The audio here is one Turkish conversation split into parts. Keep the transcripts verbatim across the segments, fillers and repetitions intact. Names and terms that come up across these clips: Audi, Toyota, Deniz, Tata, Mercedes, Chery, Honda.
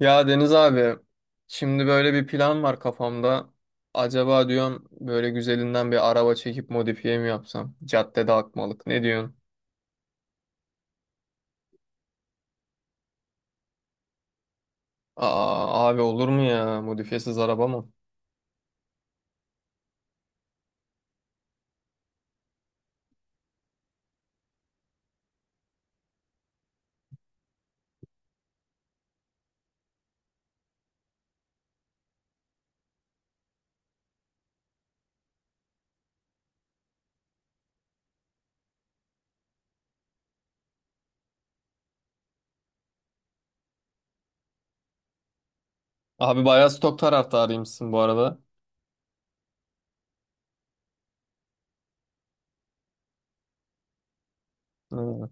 Ya Deniz abi, şimdi böyle bir plan var kafamda. Acaba diyorum böyle güzelinden bir araba çekip modifiye mi yapsam? Caddede akmalık. Ne diyorsun? Aa abi olur mu ya? Modifiyesiz araba mı? Abi bayağı stok taraftarıymışsın bu arada. Evet.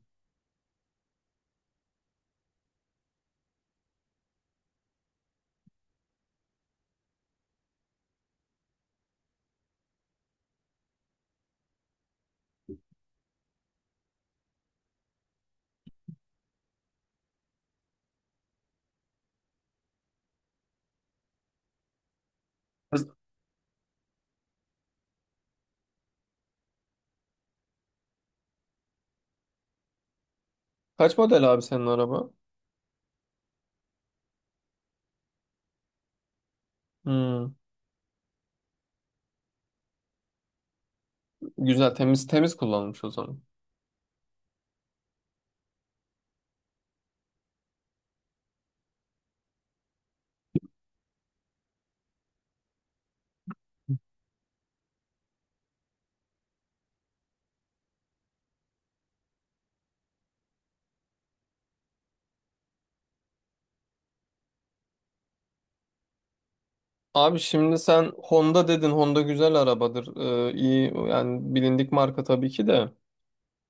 Kaç model abi senin araba? Hmm, güzel temiz temiz kullanmış o zaman. Abi şimdi sen Honda dedin. Honda güzel arabadır. Ee, iyi yani bilindik marka tabii ki de.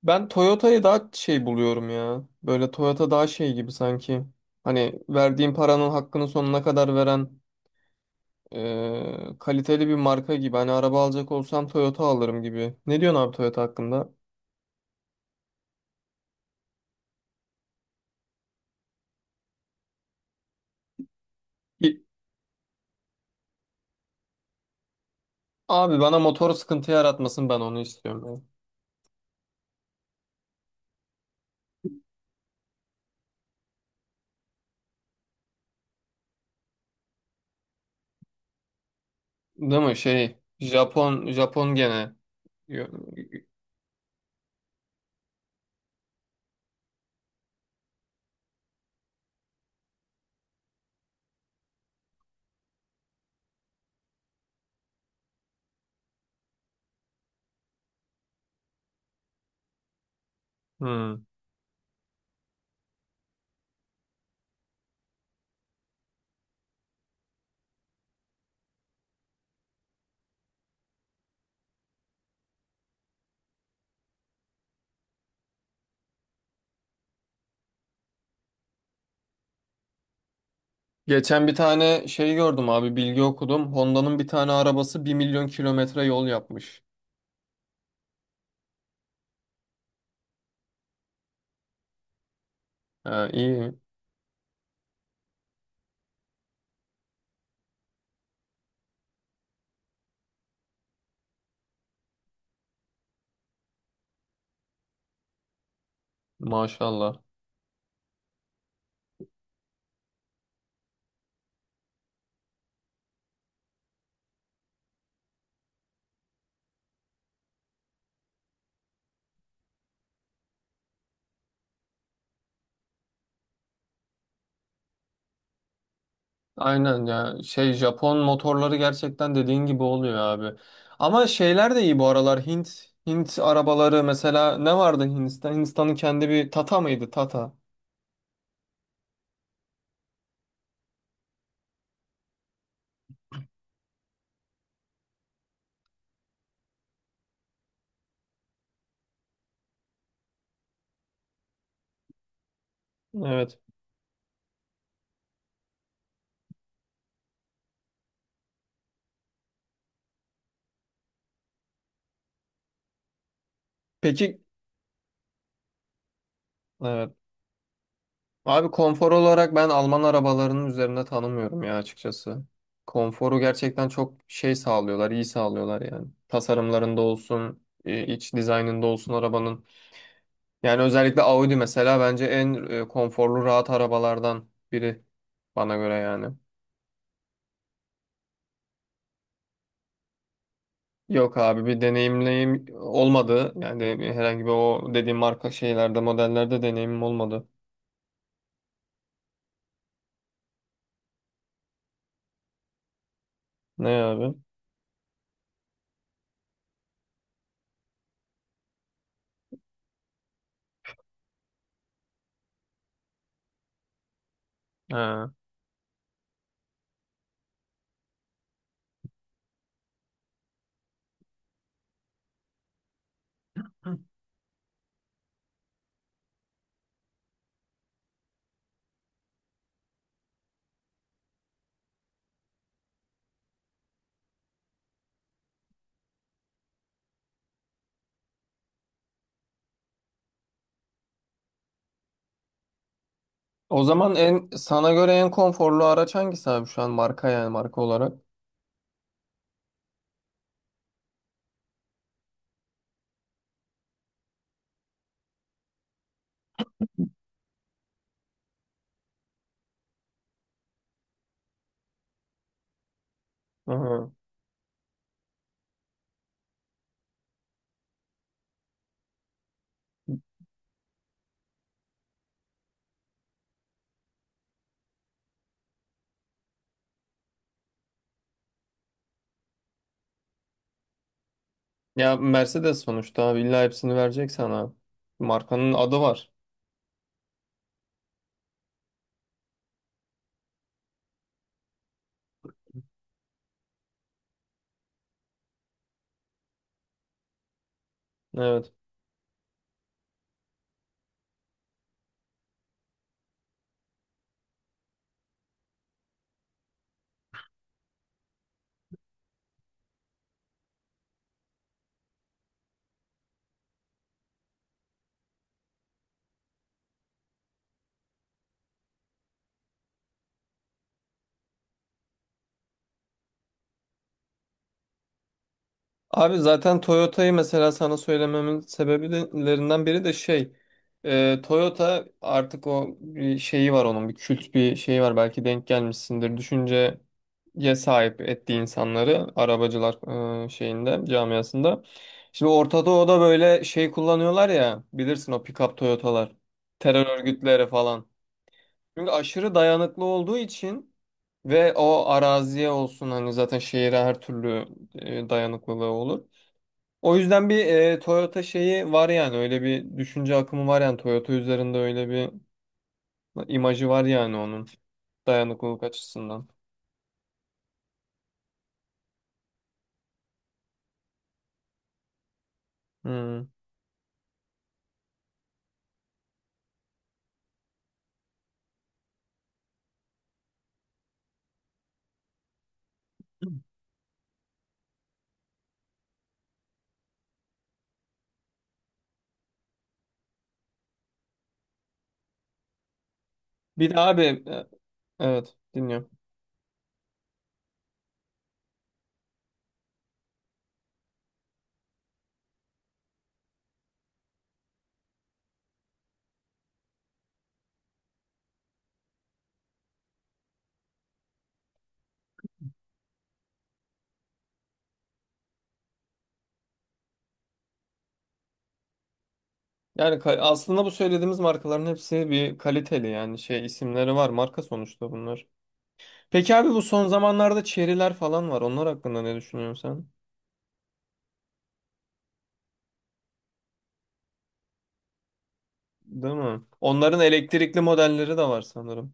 Ben Toyota'yı daha şey buluyorum ya. Böyle Toyota daha şey gibi sanki. Hani verdiğin paranın hakkını sonuna kadar veren eee, kaliteli bir marka gibi. Hani araba alacak olsam Toyota alırım gibi. Ne diyorsun abi Toyota hakkında? Ki- Abi bana motor sıkıntı yaratmasın ben onu istiyorum. Ya, değil mi şey Japon Japon gene. Yo- Hmm. Geçen bir tane şey gördüm abi bilgi okudum. Honda'nın bir tane arabası bir milyon kilometre yol yapmış. Ha, iyi, maşallah. Aynen ya, şey Japon motorları gerçekten dediğin gibi oluyor abi. Ama şeyler de iyi bu aralar Hint Hint arabaları mesela ne vardı Hindistan? Hindistan'ın kendi bir Tata mıydı? Tata. Evet. Peki, evet. Abi konfor olarak ben Alman arabalarının üzerinde tanımıyorum ya açıkçası. Konforu gerçekten çok şey sağlıyorlar, iyi sağlıyorlar yani. Tasarımlarında olsun, e, iç dizaynında olsun arabanın. Yani özellikle Audi mesela bence en e, konforlu rahat arabalardan biri bana göre yani. Yok abi bir deneyimleyim olmadı. Yani bir- herhangi bir o dediğim marka şeylerde modellerde deneyimim olmadı. Ne abi? Ha. O zaman en sana göre en konforlu araç hangisi abi şu an marka yani marka olarak? Aha. Ya Mercedes sonuçta abi illa hepsini verecek sana. Markanın adı var. Evet. Abi zaten Toyota'yı mesela sana söylememin sebeplerinden biri de şey, e, Toyota artık o bir şeyi var, onun bir kült bir şeyi var, belki denk gelmişsindir düşünceye sahip ettiği insanları arabacılar e, şeyinde camiasında. Şimdi Orta Doğu'da böyle şey kullanıyorlar ya bilirsin, o pick-up Toyota'lar, terör örgütleri falan. Çünkü aşırı dayanıklı olduğu için ve o araziye olsun, hani zaten şehire her türlü e, dayanıklılığı olur. O yüzden bir e, Toyota şeyi var yani, öyle bir düşünce akımı var yani Toyota üzerinde, öyle bir imajı var yani onun, dayanıklılık açısından. Hmm. Bir de abi e, evet, dinliyorum. Yani ka- aslında bu söylediğimiz markaların hepsi bir kaliteli yani, şey isimleri var, marka sonuçta bunlar. Peki abi bu son zamanlarda Chery'ler falan var. Onlar hakkında ne düşünüyorsun sen? Değil mi? Onların elektrikli modelleri de var sanırım.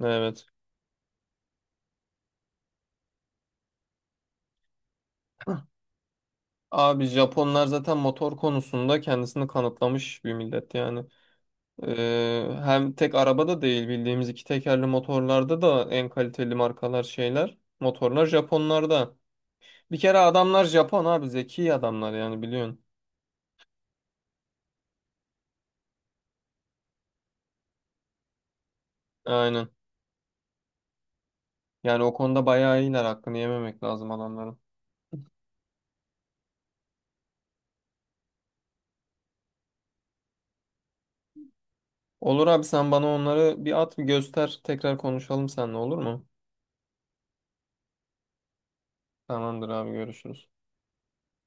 Evet. Abi Japonlar zaten motor konusunda kendisini kanıtlamış bir millet yani. Ee, hem tek arabada değil, bildiğimiz iki tekerli motorlarda da en kaliteli markalar şeyler. Motorlar Japonlarda. Bir kere adamlar Japon abi, zeki adamlar yani biliyorsun. Aynen. Yani o konuda bayağı iyiler, hakkını yememek lazım adamların. Olur abi, sen bana onları bir at bir göster, tekrar konuşalım seninle, olur mu? Tamamdır abi, görüşürüz.